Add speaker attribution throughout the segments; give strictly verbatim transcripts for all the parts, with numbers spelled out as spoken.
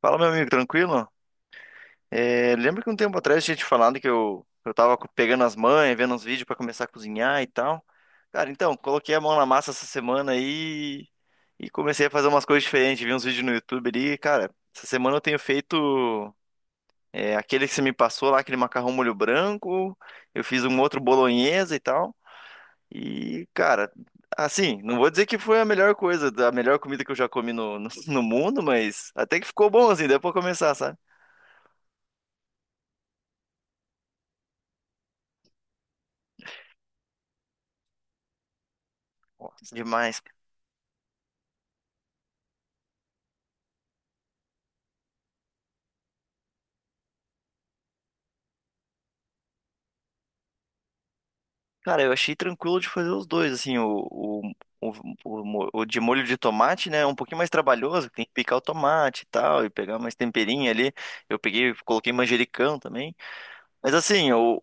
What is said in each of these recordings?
Speaker 1: Fala, meu amigo, tranquilo? É, lembra que um tempo atrás eu tinha te falado que eu, eu tava co- pegando as manhas, vendo uns vídeos pra começar a cozinhar e tal. Cara, então, coloquei a mão na massa essa semana aí e comecei a fazer umas coisas diferentes, vi uns vídeos no YouTube ali. Cara, essa semana eu tenho feito é, aquele que você me passou lá, aquele macarrão molho branco, eu fiz um outro bolonhesa e tal. E, cara, assim, não vou dizer que foi a melhor coisa, a melhor comida que eu já comi no, no, no mundo, mas até que ficou bom assim, deu pra começar, sabe? Nossa, demais. Cara, eu achei tranquilo de fazer os dois, assim, o, o, o, o, mo- o de molho de tomate, né, é um pouquinho mais trabalhoso, tem que picar o tomate e tal, e pegar mais temperinho ali. Eu peguei, coloquei manjericão também. Mas assim, o,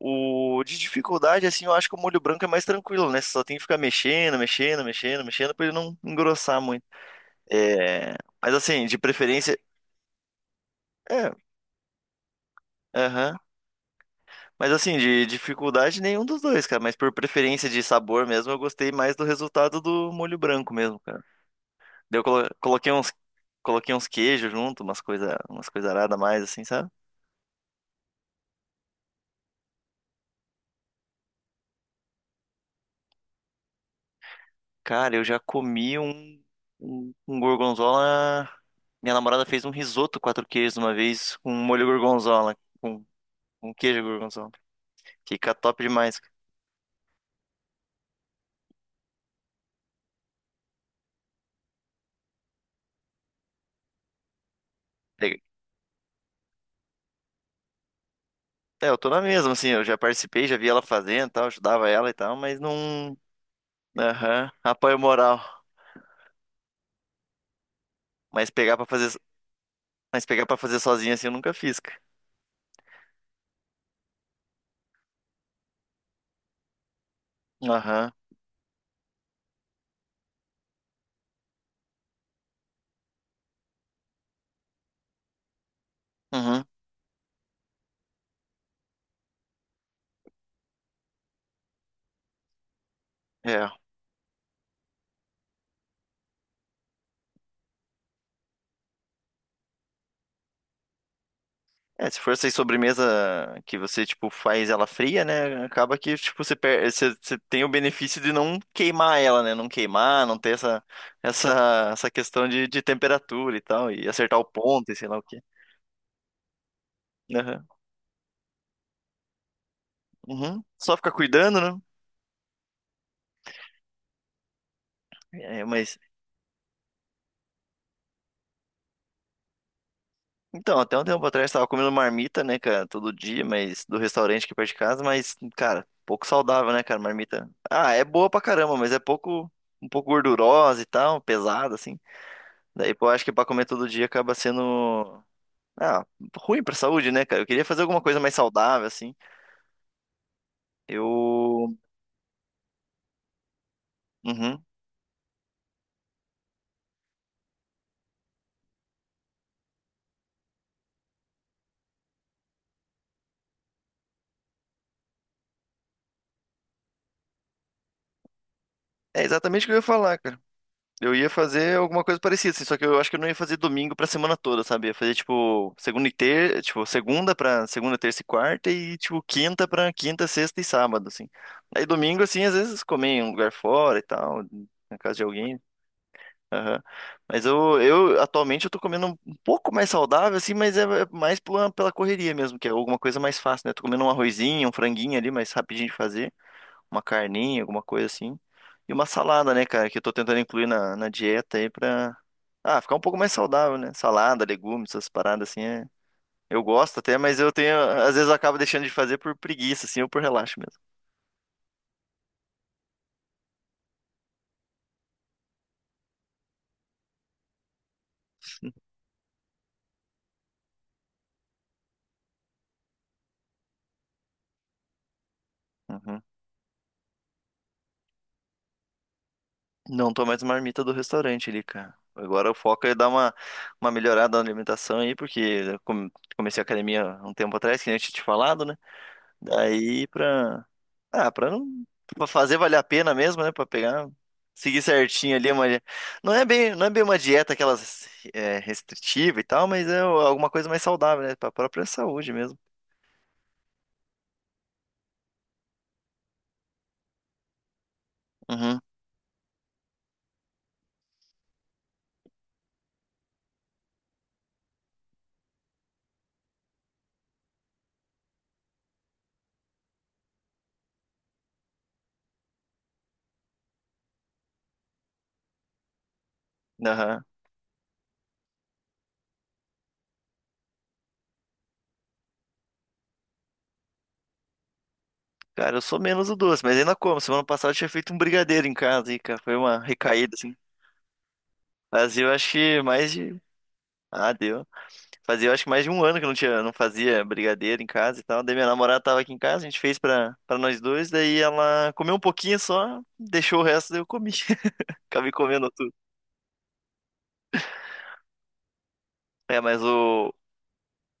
Speaker 1: o, o de dificuldade, assim, eu acho que o molho branco é mais tranquilo, né, você só tem que ficar mexendo, mexendo, mexendo, mexendo, pra ele não engrossar muito. É... Mas assim, de preferência, é, aham. Mas assim, de dificuldade nenhum dos dois, cara. Mas por preferência de sabor mesmo, eu gostei mais do resultado do molho branco mesmo, cara. Daí eu colo- coloquei uns, coloquei uns queijos junto, umas coisa, umas coisa arada a mais, assim, sabe? Cara, eu já comi um, um, um gorgonzola. Minha namorada fez um risoto quatro queijos uma vez com molho gorgonzola, com, com queijo gorgonzola. Fica top demais. É, eu tô na mesma, assim, eu já participei, já vi ela fazendo e tal, ajudava ela e tal, mas não. Aham, apoio moral. Mas pegar pra fazer, mas pegar para fazer sozinho assim eu nunca fiz, cara. Aham. Uhum. É. É, se for essa aí sobremesa que você, tipo, faz ela fria, né? Acaba que, tipo, você, per... você, você tem o benefício de não queimar ela, né? Não queimar, não ter essa, essa, essa questão de, de temperatura e tal, e acertar o ponto e sei lá o quê. Aham. Uhum. Só ficar cuidando, né? É, mas, Então, até um tempo atrás eu tava comendo marmita, né, cara, todo dia, mas do restaurante aqui perto de casa, mas, cara, pouco saudável, né, cara, marmita. Ah, é boa pra caramba, mas é pouco, um pouco gordurosa e tal, pesada, assim. Daí, pô, eu acho que pra comer todo dia acaba sendo, ah, ruim pra saúde, né, cara. Eu queria fazer alguma coisa mais saudável, assim. Eu, uhum. É exatamente o que eu ia falar, cara. Eu ia fazer alguma coisa parecida, assim, só que eu acho que eu não ia fazer domingo pra semana toda, sabe? Ia fazer, tipo, segunda e ter... tipo, segunda pra segunda, terça e quarta e, tipo, quinta pra quinta, sexta e sábado, assim. Aí domingo, assim, às vezes comer em um lugar fora e tal, na casa de alguém. Aham. Mas eu, eu, atualmente, eu tô comendo um pouco mais saudável, assim, mas é é mais pela, pela correria mesmo, que é alguma coisa mais fácil, né? Tô comendo um arrozinho, um franguinho ali, mais rapidinho de fazer uma carninha, alguma coisa assim. E uma salada, né, cara, que eu tô tentando incluir na, na dieta aí pra, ah, ficar um pouco mais saudável, né? Salada, legumes, essas paradas assim, é... Eu gosto até, mas eu tenho, às vezes eu acabo deixando de fazer por preguiça, assim, ou por relaxo mesmo. Uhum. Não tô mais marmita do restaurante ali, cara. Agora o foco é dar uma, uma melhorada na alimentação aí, porque eu come- comecei a academia um tempo atrás, que nem eu tinha te falado, né? Daí pra. Ah, pra não. Pra fazer valer a pena mesmo, né? Pra pegar. Seguir certinho ali uma. Não é bem, não é bem uma dieta aquelas é, restritiva e tal, mas é alguma coisa mais saudável, né? Pra própria saúde mesmo. Uhum. Aham. Cara, eu sou menos o doce, mas ainda como. Semana passada eu tinha feito um brigadeiro em casa e, cara, foi uma recaída, assim. Mas eu acho que mais de. Ah, deu. Fazia, eu acho que mais de um ano que eu não tinha, não fazia brigadeiro em casa e tal. Daí minha namorada tava aqui em casa, a gente fez pra, pra nós dois, daí ela comeu um pouquinho só, deixou o resto, daí eu comi. Acabei comendo tudo. É, mas o,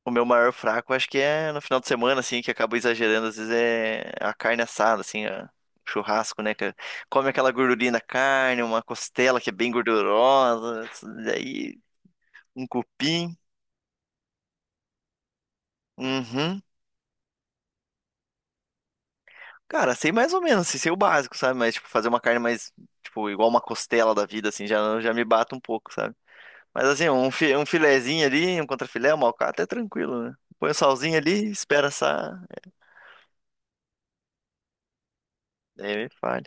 Speaker 1: o meu maior fraco acho que é no final de semana, assim, que eu acabo exagerando, às vezes é a carne assada, assim, a- churrasco, né? Que come aquela gordurinha da carne, uma costela que é bem gordurosa, daí um cupim. Uhum. Cara, sei mais ou menos, assim, sei o básico, sabe? Mas, tipo, fazer uma carne mais, tipo, igual uma costela da vida, assim, já, já me bato um pouco, sabe? Mas, assim, um, fi- um filezinho ali, um contrafilé, uma alcatra é tranquilo, né? Põe o salzinho ali, espera assar, daí me fale.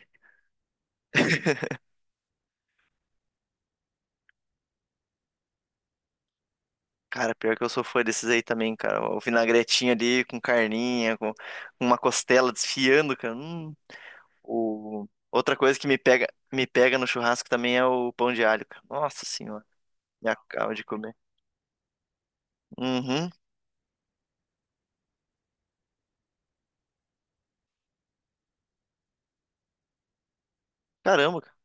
Speaker 1: Cara, pior que eu sou fã desses aí também, cara. O vinagretinho ali com carninha, com uma costela desfiando, cara. Hum. O... Outra coisa que me pega, me pega no churrasco também é o pão de alho, cara. Nossa senhora, me acaba de comer. Uhum. Caramba, cara.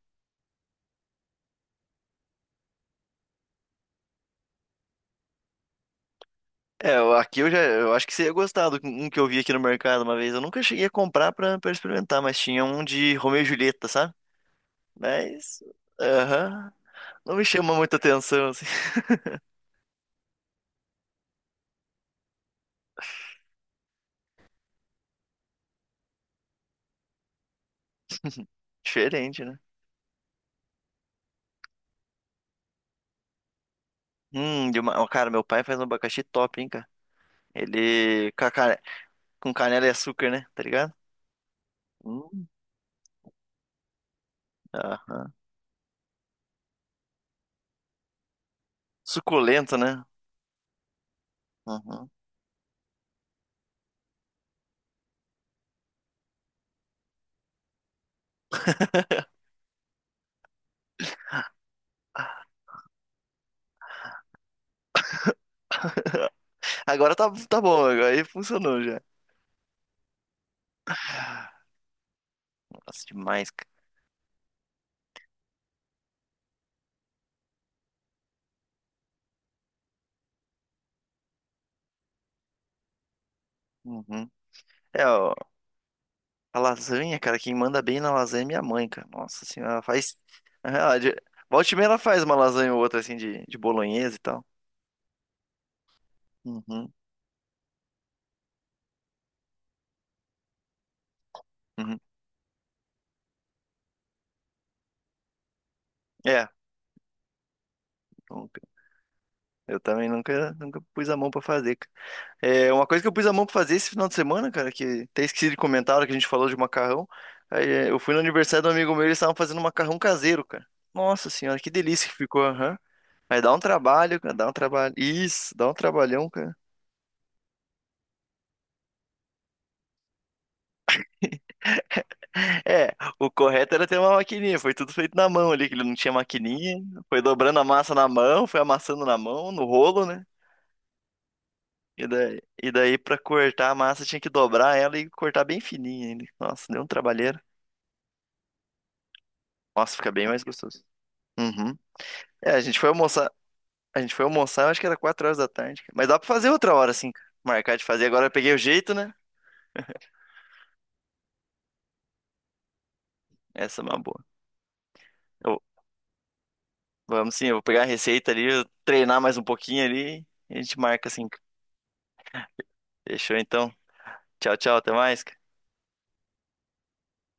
Speaker 1: É, eu- aqui eu já, eu acho que você ia gostar do um que eu vi aqui no mercado uma vez. Eu nunca cheguei a comprar pra, pra experimentar, mas tinha um de Romeu e Julieta, sabe? Mas, aham, não me chama muita atenção, assim. Diferente, né? Hum, de uma, ó, cara, meu pai faz um abacaxi top, hein, cara? Ele com, a cane- com canela e açúcar, né? Tá ligado? Hum, aham. Suculento, né? Uhum. Agora tá, tá bom, agora aí funcionou já. Nossa, demais, cara. Uhum. É, ó, a lasanha, cara, quem manda bem na lasanha é minha mãe, cara. Nossa senhora, ela faz. Na realidade, volta e meia ela faz uma lasanha ou outra, assim, de, de bolonhesa e tal. Uhum, uhum. É, nunca. Eu também nunca, nunca pus a mão pra fazer, cara. É, uma coisa que eu pus a mão pra fazer esse final de semana, cara, que até esqueci de comentar, a hora que a gente falou de macarrão. Aí, é, eu fui no aniversário do amigo meu, e eles estavam fazendo macarrão caseiro, cara. Nossa senhora, que delícia que ficou, aham. Mas dá um trabalho, cara, dá um trabalho. Isso, dá um trabalhão, cara. É, o correto era ter uma maquininha, foi tudo feito na mão ali, que ele não tinha maquininha, foi dobrando a massa na mão, foi amassando na mão, no rolo, né? E daí, e daí pra cortar a massa tinha que dobrar ela e cortar bem fininha ainda. Nossa, deu um trabalheiro. Nossa, fica bem mais gostoso. Uhum. É, a gente foi almoçar, a gente foi almoçar, acho que era quatro horas da tarde. Cara. Mas dá pra fazer outra hora, assim, cara. Marcar de fazer. Agora eu peguei o jeito, né? Essa é uma boa. Eu- vamos sim, eu vou pegar a receita ali, eu treinar mais um pouquinho ali, e a gente marca assim. Cara. Fechou então. Tchau, tchau, até mais, cara.